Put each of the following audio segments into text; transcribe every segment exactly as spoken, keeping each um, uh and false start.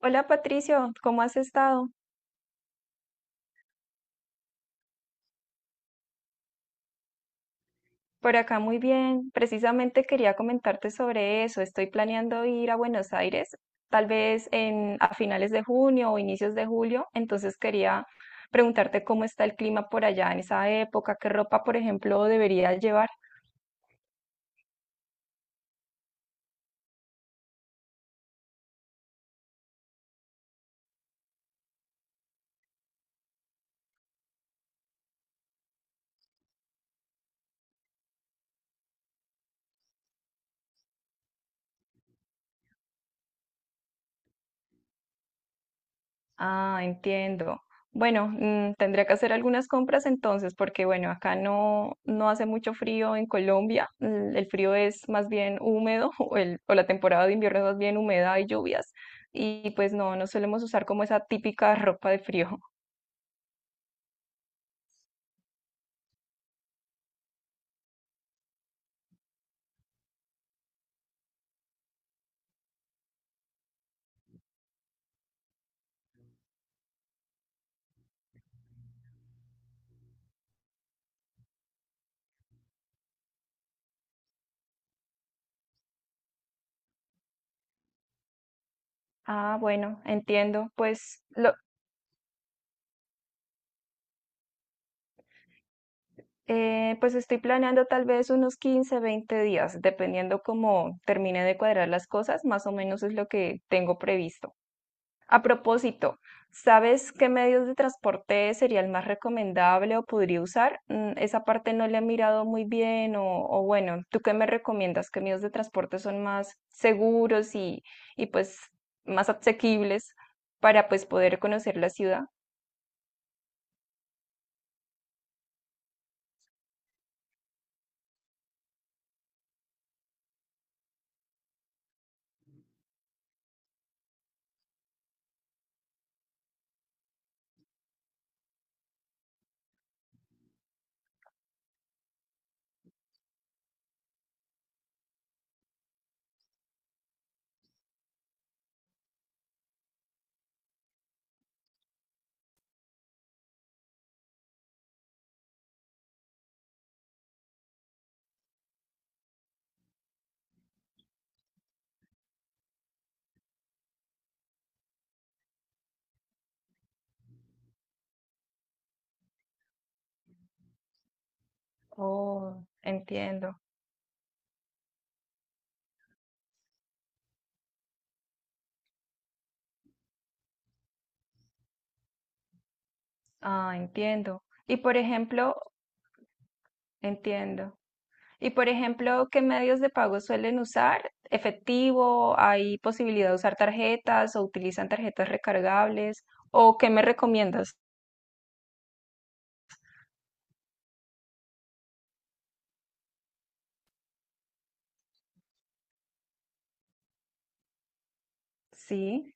Hola Patricio, ¿cómo has estado? Por acá muy bien. Precisamente quería comentarte sobre eso. Estoy planeando ir a Buenos Aires, tal vez en, a finales de junio o inicios de julio. Entonces quería preguntarte cómo está el clima por allá en esa época, qué ropa, por ejemplo, debería llevar. Ah, entiendo. Bueno, mm, tendría que hacer algunas compras entonces, porque bueno, acá no, no hace mucho frío en Colombia. mm, El frío es más bien húmedo, o, el- o la temporada de invierno es más bien húmeda y lluvias. Y pues no, no solemos usar como esa típica ropa de frío. Ah, bueno, entiendo. Pues lo, eh, pues estoy planeando tal vez unos quince, veinte días, dependiendo cómo termine de cuadrar las cosas, más o menos es lo que tengo previsto. A propósito, ¿sabes qué medios de transporte sería el más recomendable o podría usar? Mm, Esa parte no le he mirado muy bien o, o bueno, ¿tú qué me recomiendas? ¿Qué medios de transporte son más seguros y, y pues más asequibles para pues poder conocer la ciudad? Oh, entiendo. Ah, entiendo. Y por ejemplo, entiendo. Y por ejemplo, ¿qué medios de pago suelen usar? ¿Efectivo? ¿Hay posibilidad de usar tarjetas o utilizan tarjetas recargables? ¿O qué me recomiendas? Sí.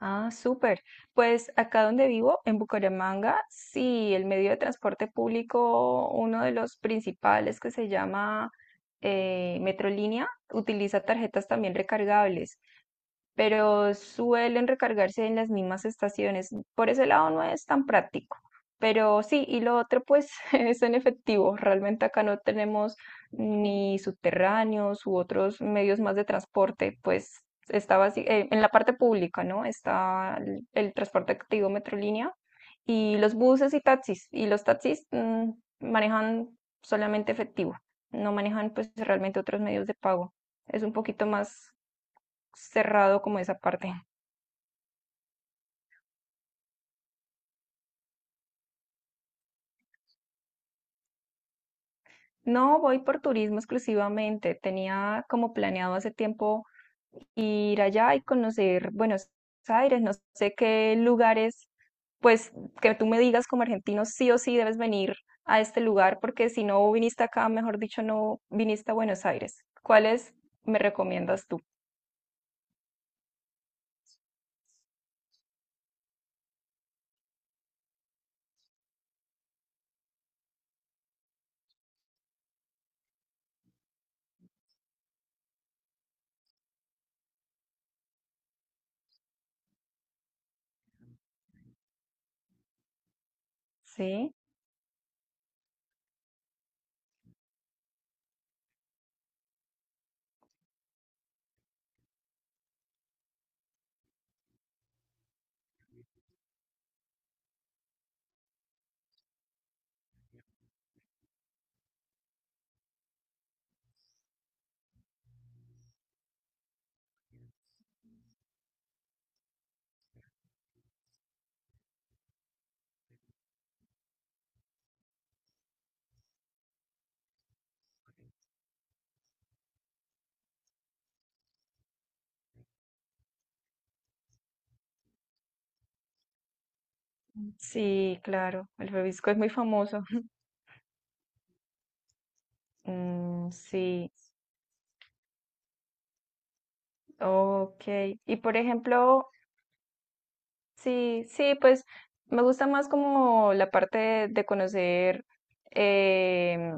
Ah, súper. Pues acá donde vivo, en Bucaramanga, sí, el medio de transporte público, uno de los principales que se llama eh, Metrolínea, utiliza tarjetas también recargables, pero suelen recargarse en las mismas estaciones. Por ese lado no es tan práctico. Pero sí, y lo otro pues es en efectivo. Realmente acá no tenemos ni subterráneos u otros medios más de transporte, pues está basi- eh, en la parte pública, ¿no? Está el, el transporte activo Metrolínea y los buses y taxis. Y los taxis mm, manejan solamente efectivo, no manejan pues realmente otros medios de pago. Es un poquito más cerrado como esa parte. No, voy por turismo exclusivamente. Tenía como planeado hace tiempo ir allá y conocer Buenos Aires. No sé qué lugares, pues que tú me digas como argentino, sí o sí debes venir a este lugar, porque si no viniste acá, mejor dicho, no viniste a Buenos Aires. ¿Cuáles me recomiendas tú? Sí, sí, claro. El Bebisco es muy famoso. Mm, sí, ok. Y por ejemplo, sí, sí, pues me gusta más como la parte de conocer em,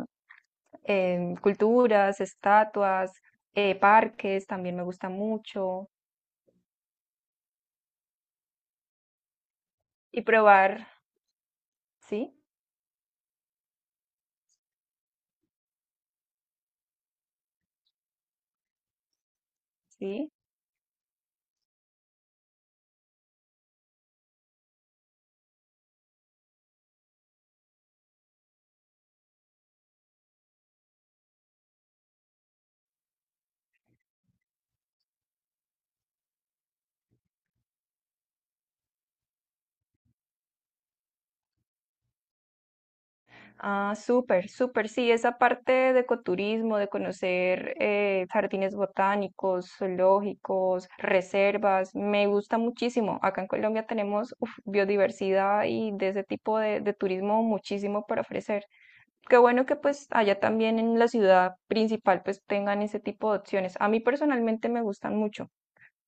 em, culturas, estatuas, eh, parques, también me gusta mucho. Y probar, sí, sí. Ah, súper, súper, sí, esa parte de ecoturismo, de conocer eh, jardines botánicos, zoológicos, reservas, me gusta muchísimo. Acá en Colombia tenemos uf, biodiversidad y de ese tipo de de turismo muchísimo para ofrecer. Qué bueno que pues allá también en la ciudad principal pues tengan ese tipo de opciones. A mí personalmente me gustan mucho.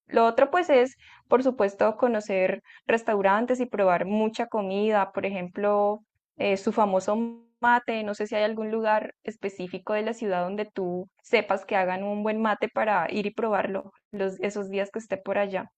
Lo otro pues es, por supuesto, conocer restaurantes y probar mucha comida, por ejemplo, eh, su famoso mate. No sé si hay algún lugar específico de la ciudad donde tú sepas que hagan un buen mate para ir y probarlo los, esos días que esté por allá.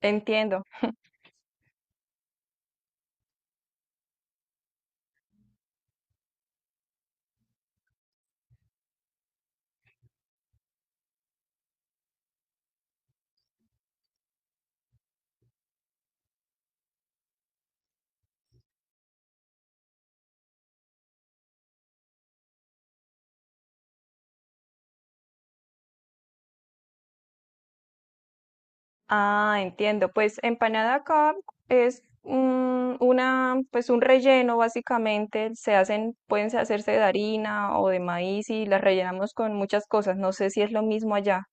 Entiendo. Ah, entiendo. Pues empanada acá es mm, una, pues un relleno básicamente. Se hacen, pueden hacerse de harina o de maíz y las rellenamos con muchas cosas. No sé si es lo mismo allá.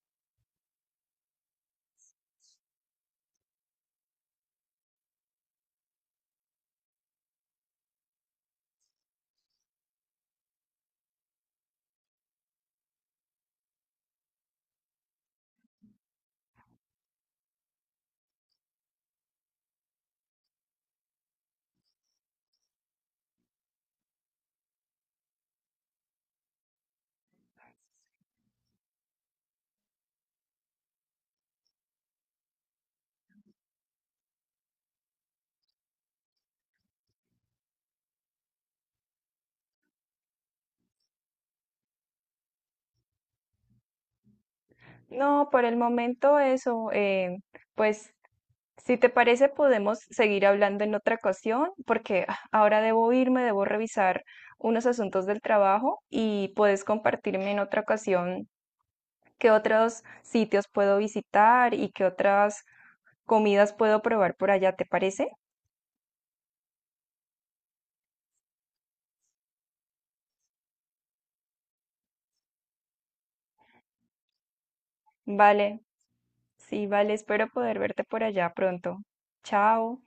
No, por el momento eso. Eh, pues si te parece podemos seguir hablando en otra ocasión porque ah, ahora debo irme, debo revisar unos asuntos del trabajo y puedes compartirme en otra ocasión qué otros sitios puedo visitar y qué otras comidas puedo probar por allá, ¿te parece? Vale, sí, vale, espero poder verte por allá pronto. Chao.